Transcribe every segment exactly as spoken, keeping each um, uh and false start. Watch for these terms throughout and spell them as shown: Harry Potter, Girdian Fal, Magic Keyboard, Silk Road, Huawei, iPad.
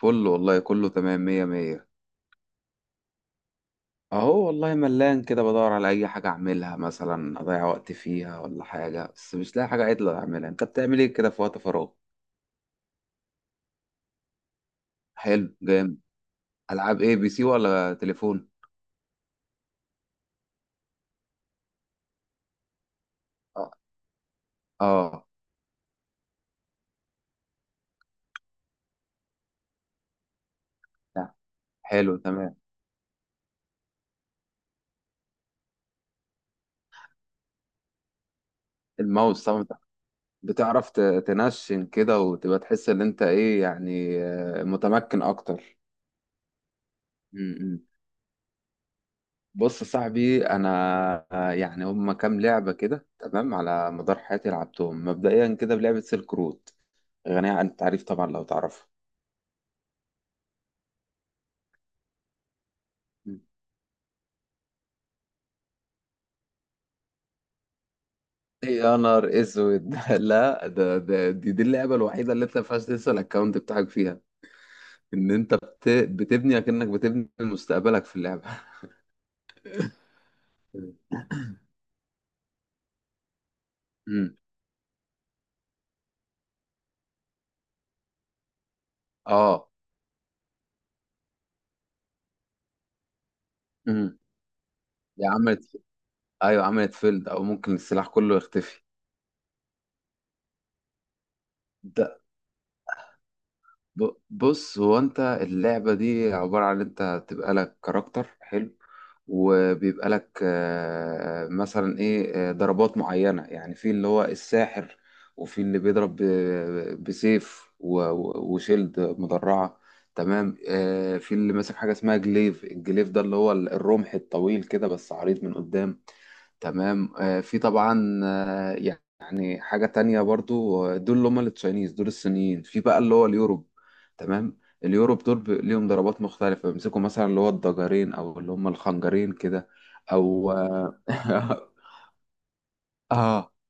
فل والله، كله تمام مية مية. اهو والله ملان كده بدور على اي حاجة اعملها مثلا، اضيع وقت فيها ولا حاجة، بس مش لاقي حاجة عدلة اعملها. انت بتعمل ايه كده في وقت فراغ؟ حلو جامد. العاب ايه، بي سي ولا تليفون؟ اه. اه. نعم. حلو تمام. الماوس طبعا. أنت بتعرف ت- تنشن كده وتبقى تحس ان انت ايه يعني، آه، متمكن اكتر. بص يا صاحبي، انا يعني هم كام لعبه كده تمام على مدار حياتي لعبتهم، مبدئيا كده بلعبه سيلك رود، غنيه عن التعريف طبعا لو تعرفها. يا نهار اسود! لا، ده, ده دي, دي اللعبه الوحيده اللي انت ما ينفعش تنسى الاكونت بتاعك فيها، ان انت بت بتبني اكنك، بتبني مستقبلك في اللعبه. امم. اه. امم. يا عملت، ايوه، عملت فيلد، او ممكن السلاح كله يختفي. ب- بص، هو انت اللعبة دي عبارة عن انت تبقى لك كاركتر حلو، وبيبقى لك آه، مثلا ايه، آه، ضربات معينة يعني، في اللي هو الساحر، وفي اللي بيضرب ب- بسيف و- و- وشيلد مدرعة. تمام. آه، في اللي ماسك حاجة اسمها جليف، الجليف ده اللي هو الرمح الطويل كده بس عريض من قدام. تمام. آه، في طبعا آه، يعني حاجة تانية برضو، آه، دول اللي هم التشاينيز، دول الصينيين، في بقى اللي هو اليوروب. تمام. اليوروب دول ب- ليهم ضربات مختلفة، بيمسكوا مثلا اللي هو الضجرين، أو اللي هم الخنجرين كده، أو آه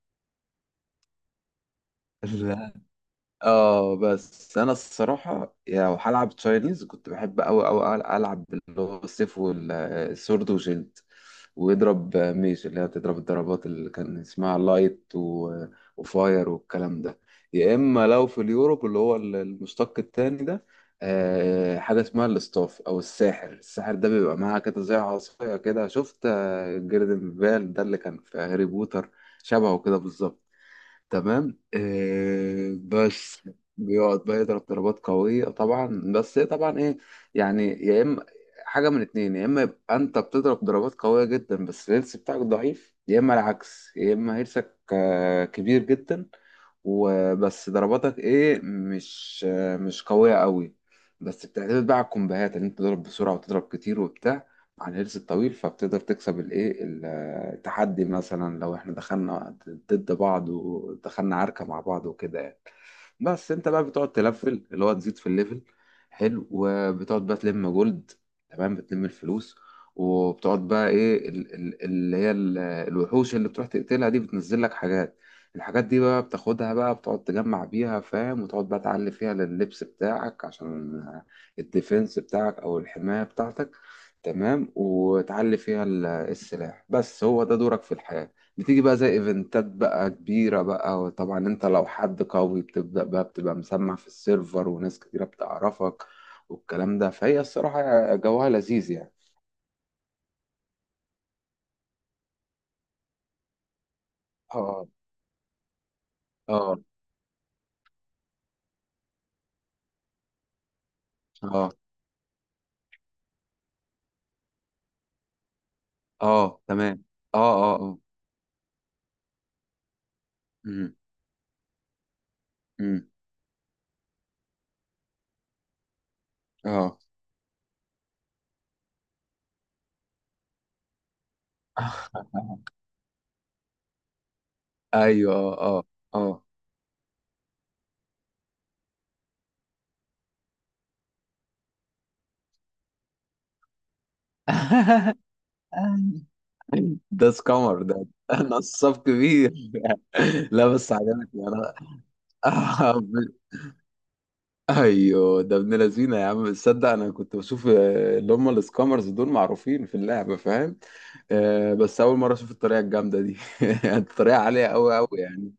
آه، اه بس انا الصراحه يعني لو هلعب تشاينيز كنت بحب قوي قوي العب اللي هو السيف والسورد وشيلد، ويضرب ميش اللي هي بتضرب الضربات اللي كان اسمها لايت و... وفاير والكلام ده. يا اما لو في اليوروب اللي هو المشتق التاني ده، آه، حاجه اسمها الاستاف، او الساحر. الساحر ده بيبقى معاه كده زي عصايه كده، شفت آه، جيردن فال ده اللي كان في هاري بوتر؟ شبهه كده بالظبط. تمام، آه، بس بيقعد بقى يضرب ضربات قوية طبعا، بس هي طبعا ايه يعني، يا اما حاجة من اتنين: يا اما يبقى انت بتضرب ضربات قوية جدا بس الهيلث بتاعك ضعيف، يا اما العكس، يا اما هيلثك آه، كبير جدا، وبس ضرباتك ايه، مش مش قوية قوي، بس بتعتمد بقى على الكومبوهات ان انت تضرب بسرعة وتضرب كتير وبتاع، عن الهيلث الطويل، فبتقدر تكسب الايه، ال- التحدي، مثلا لو احنا دخلنا ضد بعض ودخلنا عركة مع بعض وكده يعني. بس انت بقى بتقعد تلفل، اللي هو تزيد في الليفل. حلو. وبتقعد بقى تلم جولد، تمام، بتلم الفلوس، وبتقعد بقى ايه، ال- ال- اللي هي ال- الوحوش اللي بتروح تقتلها دي بتنزل لك حاجات. الحاجات دي بقى بتاخدها، بقى بتقعد تجمع بيها، فاهم، وتقعد بقى تعلي فيها لللبس بتاعك، عشان الديفنس بتاعك او الحماية بتاعتك. تمام. وتعلي فيها ال- السلاح. بس هو ده دورك في الحياة. بتيجي بقى زي ايفنتات بقى كبيرة بقى، وطبعا انت لو حد قوي بتبدأ بقى بتبقى مسمع في السيرفر وناس كتيرة بتعرفك والكلام ده، فهي الصراحة جوها لذيذ يعني. اه. اه اه. اه تمام. اه اه اه. امم. امم. اه. ايوه. اه اه اه. ده سكامر ده، نصاب كبير. لا بس عجبتني. انا ايوه، ده ابن لذينه يا عم. تصدق انا كنت بشوف آه، اللي هم السكامرز دول معروفين في اللعبه، فاهم، آه، بس اول مره اشوف الطريقه الجامده دي. الطريقه عاليه قوي قوي يعني.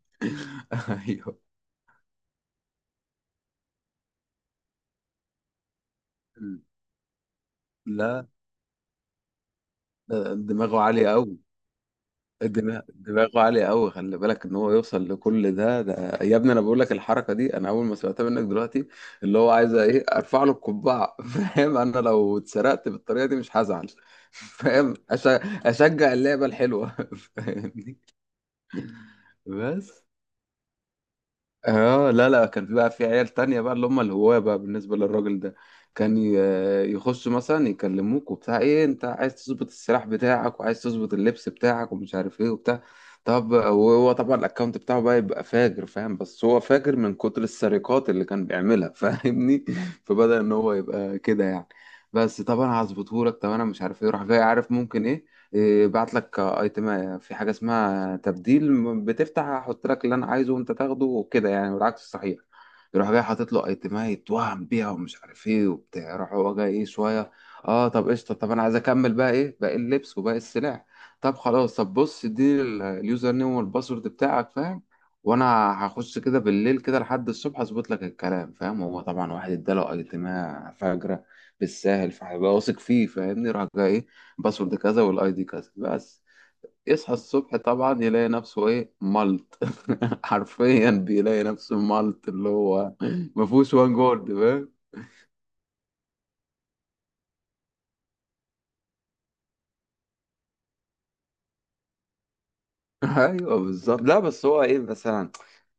ايوه. لا ده، دماغه عاليه قوي. دماغ- دماغه عالية قوي. خلي بالك ان هو يوصل لكل ده، ده، يا ابني، انا بقول لك الحركة دي انا اول ما سمعتها منك دلوقتي. اللي هو عايز ايه، ارفع له القبعة. فاهم، انا لو اتسرقت بالطريقة دي مش هزعل. فاهم؟ أش- اشجع اللعبة الحلوة. فاهمني؟ بس. اه. لا لا، كان في بقى في عيال تانية بقى، اللي هم الهواة بقى بالنسبة للراجل ده، كان ي- يخشوا مثلا يكلموك وبتاع: ايه، انت عايز تظبط السلاح بتاعك، وعايز تظبط اللبس بتاعك ومش عارف ايه وبتاع. طب وهو طبعا الاكونت بتاعه بقى يبقى فاجر، فاهم، بس هو فاجر من كتر السرقات اللي كان بيعملها، فاهمني، فبدأ ان هو يبقى كده يعني. بس طب انا هظبطهولك، طب انا مش عارف ايه، راح جاي: عارف ممكن ايه، إيه، بعت لك ايتم في حاجه اسمها تبديل، بتفتح احط لك اللي انا عايزه وانت تاخده وكده يعني، والعكس صحيح. يروح جاي حاطط له ايتمها، يتوهم بيها ومش عارف ايه وبتاع. يروح هو جاي ايه شويه: اه طب قشطه، طب انا عايز اكمل بقى ايه باقي اللبس وباقي السلع. طب خلاص، طب بص اديني ال- اليوزر نيم والباسورد بتاعك، فاهم، وانا هخش كده بالليل كده لحد الصبح اظبط لك الكلام، فاهم. هو طبعا واحد اداله ايتمها فجره بالساهل، فهيبقى واثق فيه، فاهمني، راح جاي: إيه، باسورد كذا والاي دي كذا. بس يصحى الصبح طبعا يلاقي نفسه ايه، مالت. حرفيا بيلاقي نفسه مالت، اللي هو ما فيهوش وان جولد، فاهم. ايوه بالظبط. لا بس هو ايه، مثلا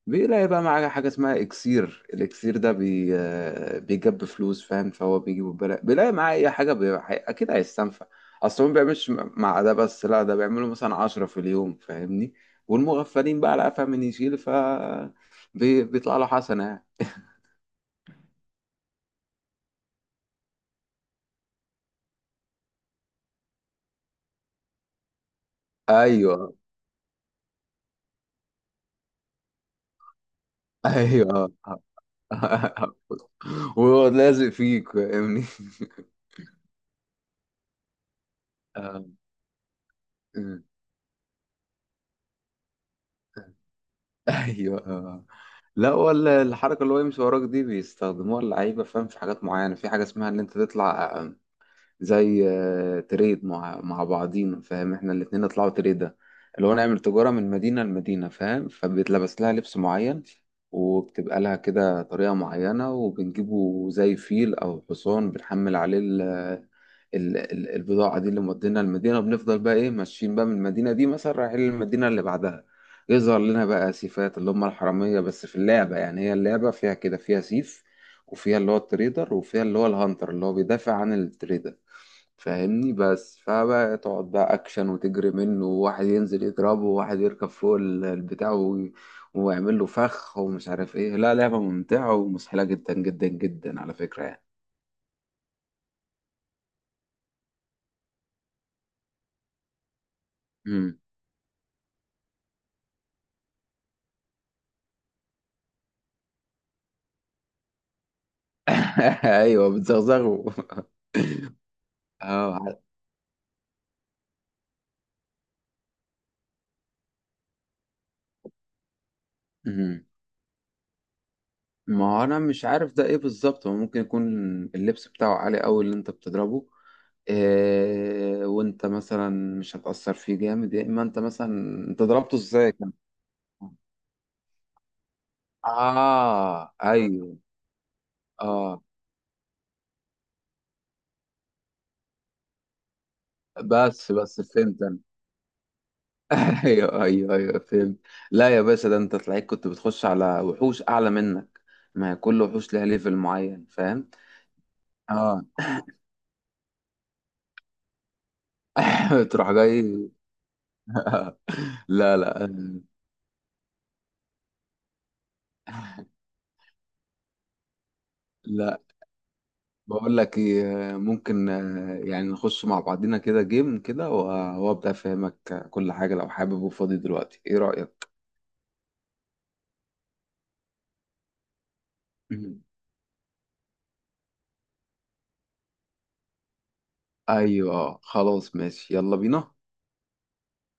بيلاقي بقى معاه حاجه اسمها اكسير، الاكسير ده بي آه، بيجيب فلوس، فاهم، فهو بيجي ببلاش بيلاقي معاه اي حاجه، بي... حي- اكيد هيستنفع. اصل هو ما بيعملش مع ده بس، لا، ده بيعملوا مثلا عشرة في اليوم، فاهمني، والمغفلين بقى لا، فاهم، من يشيل ف بي- بيطلع له حسنه يعني. ايوه. ايوه. وهو لازق فيك فاهمني. آه. ايوه. آه. لا، ولا الحركه اللي هو يمشي وراك دي بيستخدموها اللعيبه، فاهم، في حاجات معينه. في حاجه اسمها ان انت تطلع زي آه، تريد، مع مع بعضينا، فاهم، احنا الاتنين نطلعوا تريدة، اللي هو نعمل تجارة من مدينة لمدينة، فاهم، فبيتلبس لها لبس معين، وبتبقى لها كده طريقة معينة، وبنجيبه زي فيل أو حصان بنحمل عليه ال ال ال البضاعة دي اللي مودينا المدينة. بنفضل بقى إيه، ماشيين بقى من المدينة دي مثلا رايحين للمدينة اللي بعدها، يظهر لنا بقى سيفات اللي هم الحرامية بس في اللعبة يعني، هي اللعبة فيها كده، فيها سيف، وفيها اللي هو التريدر، وفيها اللي هو الهانتر اللي هو بيدافع عن التريدر، فاهمني، بس، فبقى تقعد بقى اكشن وتجري منه، وواحد ينزل يضربه، وواحد يركب فوق ال- البتاع، و- ويعمل له فخ، ومش عارف ايه. لا لعبة ممتعة ومسحلة جدا جدا جدا على فكرة يعني. مم. ايوه، بتزغزغه. اه ع- مم. ما هو انا مش عارف ده ايه بالظبط، هو ممكن يكون اللبس بتاعه عالي قوي اللي انت بتضربه، إيه، وانت مثلا مش هتأثر فيه جامد، يا اما انت مثلا، انت ضربته ازاي كان؟ اه ايوه. اه. بس بس فهمت انا. ايوه ايوه ايوه فهمت. لا يا باشا، ده انت تلاقيك كنت بتخش على وحوش اعلى منك. ما هي كل وحوش ليها ليفل معين، فاهم. اه. تروح جاي. لا لا لا. بقول لك ايه، ممكن آه، يعني نخش مع بعضينا كده جيم كده، و- وابدا افهمك كل حاجه لو حابب وفاضي دلوقتي. ايه رايك؟ مم. ايوه خلاص ماشي، يلا بينا.